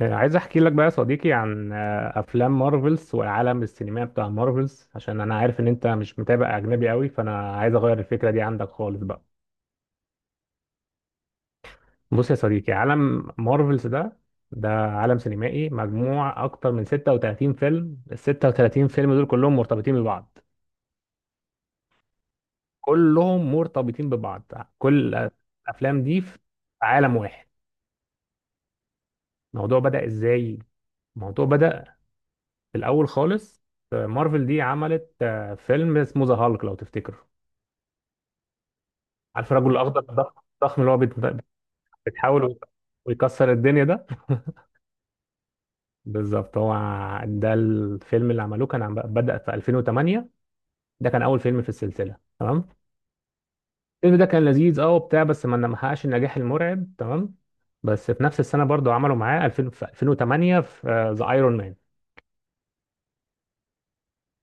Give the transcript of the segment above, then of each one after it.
عايز احكي لك بقى يا صديقي عن افلام مارفلز والعالم السينمائي بتاع مارفلز عشان انا عارف ان انت مش متابع اجنبي قوي، فانا عايز اغير الفكره دي عندك خالص بقى. بص يا صديقي، عالم مارفلز ده عالم سينمائي مجموع اكتر من 36 فيلم، ال 36 فيلم دول كلهم مرتبطين ببعض، كلهم مرتبطين ببعض كل الافلام دي في عالم واحد. الموضوع بدأ ازاي؟ الموضوع بدأ في الاول خالص. مارفل دي عملت فيلم اسمه ذا هالك، لو تفتكر. عارف الرجل الاخضر الضخم الضخم اللي هو بتحاول ويكسر الدنيا ده بالظبط، هو ده الفيلم اللي عملوه، كان بدأ في 2008. ده كان اول فيلم في السلسله، تمام. الفيلم ده كان لذيذ، اه، وبتاع، بس ما حققش النجاح المرعب، تمام. بس في نفس السنه برضو عملوا معاه 2000، في 2008، في ذا ايرون مان.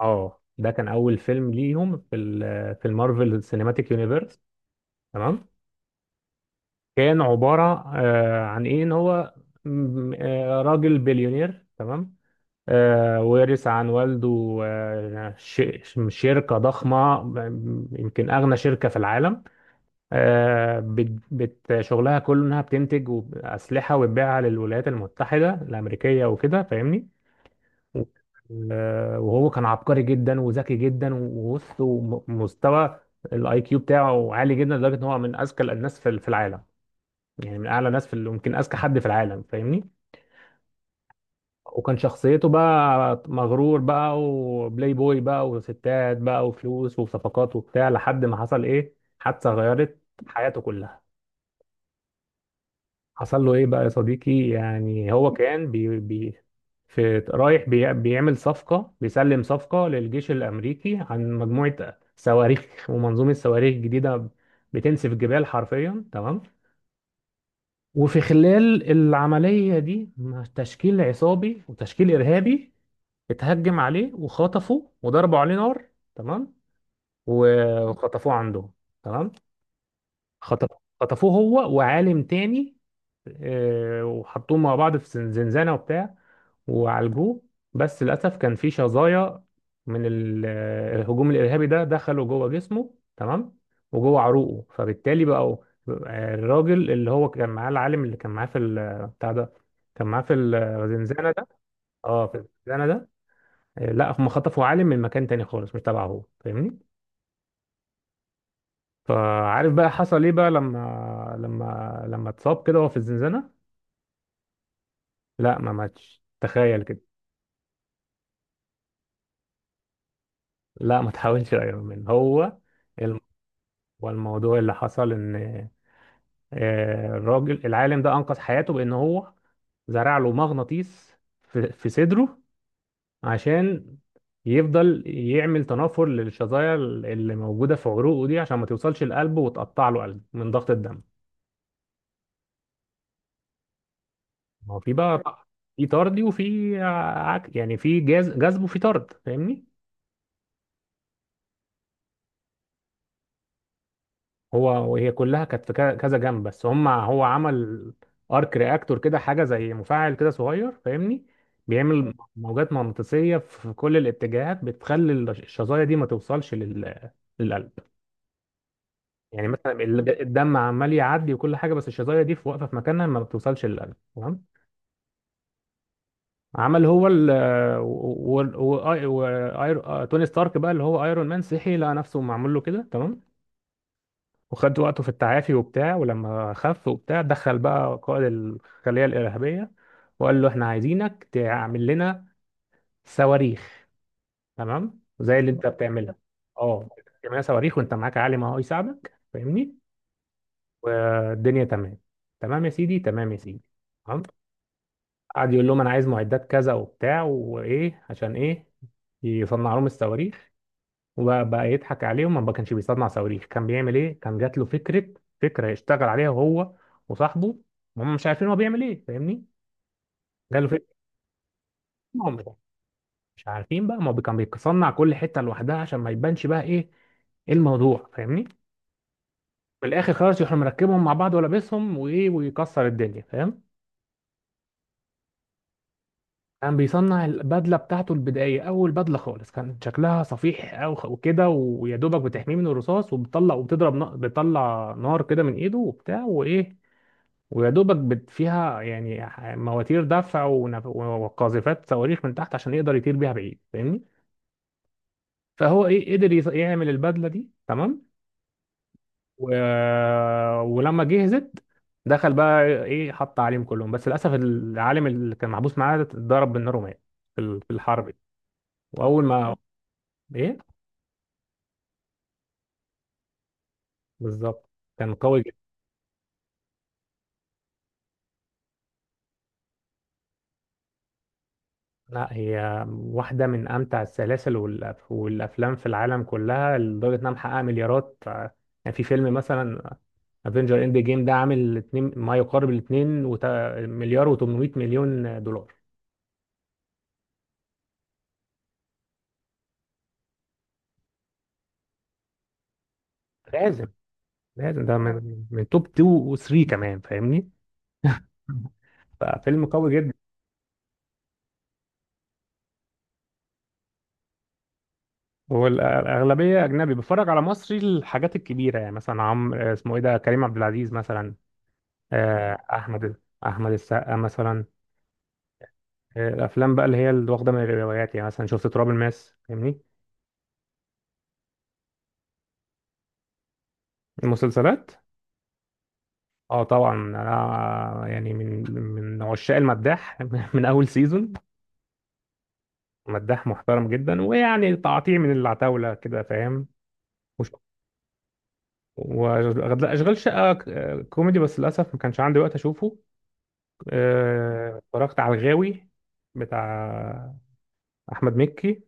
اه، ده كان اول فيلم ليهم في في المارفل سينماتيك يونيفرس، تمام. كان عباره عن ايه، ان هو راجل بليونير، تمام. ورث عن والده شركة ضخمة، يمكن أغنى شركة في العالم. شغلها كله إنها بتنتج أسلحة وتبيعها للولايات المتحدة الأمريكية وكده، فاهمني؟ و- وهو كان عبقري جدا وذكي جدا، وبص، ومستوى الاي كيو بتاعه عالي جدا لدرجة إن هو من أذكى الناس في العالم. يعني من أعلى ناس في يمكن أذكى حد في العالم، فاهمني؟ وكان شخصيته بقى مغرور بقى، وبلاي بوي بقى، وستات بقى، وفلوس وصفقات وبتاع، لحد ما حصل ايه، حادثة غيرت حياته كلها. حصل له ايه بقى يا صديقي؟ يعني هو كان بي بي في رايح بيعمل صفقة، بيسلم صفقة للجيش الأمريكي عن مجموعة صواريخ ومنظومة صواريخ جديدة بتنسف الجبال حرفيا، تمام. وفي خلال العملية دي، تشكيل عصابي وتشكيل إرهابي اتهجم عليه وخطفه وضربوا عليه نار، تمام. وخطفوه عندهم، تمام. خطف خطفوه هو وعالم تاني. وحطوهم مع بعض في زنزانة وبتاع، وعالجوه. بس للأسف كان في شظايا من الهجوم الإرهابي ده دخلوا جوه جسمه، تمام، وجوه عروقه. فبالتالي بقوا الراجل اللي هو كان معاه، العالم اللي كان معاه في ال- بتاع ده، كان معاه في الزنزانة ده. اه، في الزنزانة ده. لا، هم خطفوا عالم من مكان تاني خالص، مش تبعه هو، فاهمني؟ فعارف بقى حصل ايه بقى لما لما اتصاب كده وهو في الزنزانة؟ لا، ما ماتش، تخيل كده. لا، ما تحاولش يا ايرون مان هو. الم... هو الموضوع اللي حصل ان الراجل العالم ده انقذ حياته بان هو زرع له مغناطيس في صدره، عشان يفضل يعمل تنافر للشظايا اللي موجودة في عروقه دي عشان ما توصلش لقلبه وتقطع له قلب من ضغط الدم. ما هو في بقى، في طرد وفي يعني في جاز جذب وفي طرد، فاهمني؟ هو وهي كلها كانت في كذا جنب، بس هو عمل ارك رياكتور كده، حاجه زي مفاعل كده صغير، فاهمني؟ بيعمل موجات مغناطيسيه في كل الاتجاهات بتخلي الشظايا دي ما توصلش للقلب. يعني مثلا الدم عمال يعدي وكل حاجه، بس الشظايا دي في، واقفه في مكانها، ما بتوصلش للقلب، تمام. عمل هو ال و... و... و... و... آير... آه، توني ستارك بقى، اللي هو ايرون مان، صحي لقى نفسه معمول له كده، تمام. وخد وقته في التعافي وبتاع، ولما خف وبتاع دخل بقى قائد الخلية الإرهابية وقال له احنا عايزينك تعمل لنا صواريخ، تمام، زي اللي انت بتعملها. اه، تعمل لنا صواريخ وانت معاك عالم اهو يساعدك، فاهمني؟ والدنيا تمام. تمام يا سيدي، تمام يا سيدي، تمام. قعد يقول لهم انا عايز معدات كذا وبتاع وايه، عشان ايه؟ يصنع لهم الصواريخ. وبقى يضحك عليهم، ما كانش بيصنع صواريخ، كان بيعمل ايه؟ كان جات له فكره، فكره يشتغل عليها هو وصاحبه، هم مش عارفين هو بيعمل ايه، فاهمني؟ جات له فكره. هم مش عارفين بقى، ما هو كان بيصنع كل حته لوحدها عشان ما يبانش بقى ايه، ايه الموضوع، فاهمني؟ في الاخر خلاص يروح مركبهم مع بعض ولابسهم وايه، ويكسر الدنيا، فاهم؟ كان بيصنع البدله بتاعته البدائيه، اول بدله خالص كان شكلها صفيح، او وكده، ويا دوبك بتحميه من الرصاص، وبتطلع وبتضرب بتطلع نار كده من ايده وبتاع وايه. ويا دوبك فيها يعني مواتير دفع وقاذفات صواريخ من تحت عشان يقدر يطير بيها بعيد، فاهمني؟ فهو ايه، قدر يعمل البدله دي، تمام. و... ولما جهزت، دخل بقى ايه، حط عليهم كلهم. بس للاسف العالم اللي كان محبوس معاه ده اتضرب بالنار ومات في في الحرب دي. واول ما ايه، بالظبط، كان قوي جدا. لا، هي واحدة من أمتع السلاسل والأفلام في العالم كلها، لدرجة إنها محققة مليارات. يعني في فيلم مثلا افنجر اند جيم ده عامل اتنين، ما يقارب الاتنين مليار و800 مليون دولار. لازم، لازم، ده من توب 2 و3 كمان، فاهمني؟ ففيلم قوي جدا. والأغلبية أجنبي، بتفرج على مصري الحاجات الكبيرة، يعني مثلا، عم اسمه إيه ده، كريم عبد العزيز مثلا، آه، أحمد أحمد السقا مثلا. الافلام بقى اللي هي اللي واخده من الروايات، يعني مثلا شفت تراب الماس، فاهمني؟ المسلسلات، اه طبعا، انا يعني من عشاق المداح من اول سيزون. مداح محترم جدا، ويعني تعطيه من العتاوله كده، فاهم؟ وش- واشغال شقه، كوميدي، بس للاسف ما كانش عندي وقت اشوفه. اتفرجت على الغاوي بتاع احمد مكي.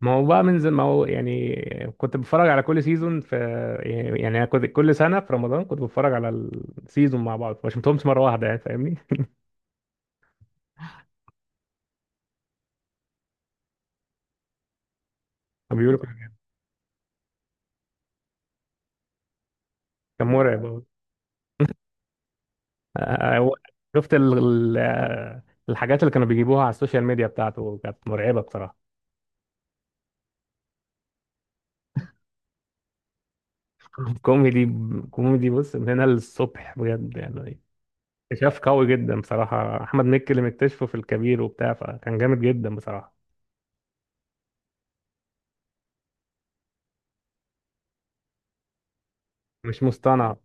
ما هو بقى ما هو يعني كنت بتفرج على كل سيزون في، يعني أنا كنت كل سنة في رمضان كنت بتفرج على السيزون مع بعض، ما شفتهمش مرة واحدة يعني، فاهمني؟ كان بيقولوا، كان مرعب أوي. هو شفت الحاجات اللي كانوا بيجيبوها على السوشيال ميديا بتاعته كانت مرعبة بصراحة. كوميدي، كوميدي، بص، من هنا للصبح بجد يعني. اكتشاف قوي جدا بصراحة، أحمد مكي اللي مكتشفه في الكبير وبتاع، فكان جامد جدا بصراحة. مش مصطنع،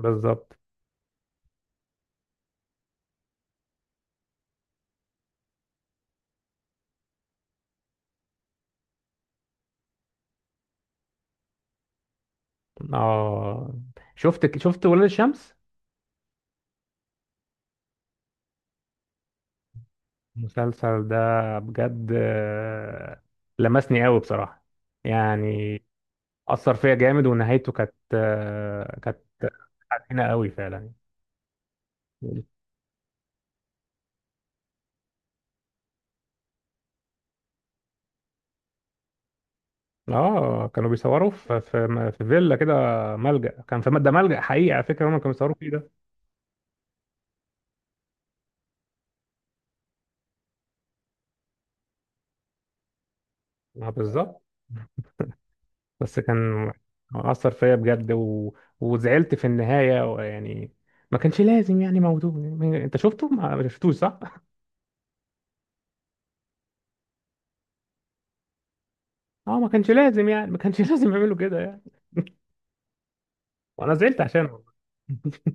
بالظبط. اه، شفت ولاد الشمس؟ المسلسل ده بجد لمسني قوي بصراحة، يعني أثر فيا جامد، ونهايته كانت كانت حزينة قوي فعلا. اه، كانوا بيصوروا في في فيلا كده، ملجأ، كان في ده ملجأ حقيقي على فكرة، هم كانوا بيصوروا فيه ده. اه، بالظبط. بس كان أثر فيا بجد، وزعلت في النهاية يعني، ما كانش لازم يعني موضوع، انت شفته، ما شفتوش؟ صح. اه، ما كانش لازم يعني، ما كانش لازم يعملوا كده يعني. وانا زعلت عشانه.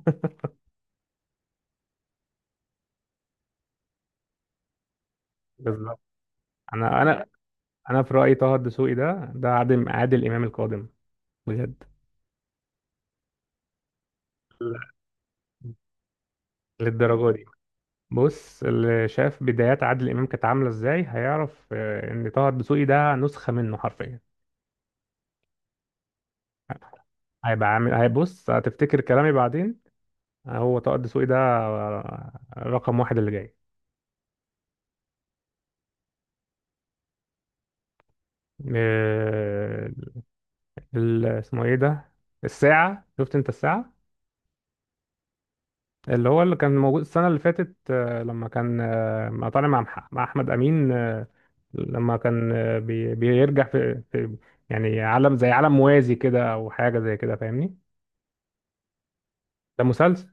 بالظبط. انا انا انا في رايي طه الدسوقي ده عادل امام القادم، بجد. لا، للدرجه دي. بص، اللي شاف بدايات عادل امام كانت عامله ازاي هيعرف ان طه الدسوقي ده نسخه منه حرفيا. هيبقى عامل، هيبص، هتفتكر كلامي بعدين. هو طه الدسوقي ده رقم واحد اللي جاي. آه، اسمه ايه ده، الساعه، شفت انت الساعه؟ اللي هو اللي كان موجود السنة اللي فاتت، لما كان طالع مع مع أحمد أمين، لما كان بيرجع في يعني عالم زي عالم موازي كده، أو حاجة زي كده، فاهمني؟ ده مسلسل.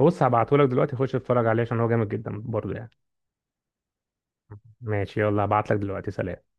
بص هبعتهولك دلوقتي، خش اتفرج عليه عشان هو جامد جدا برضه يعني. ماشي، يلا هبعتلك دلوقتي، سلام.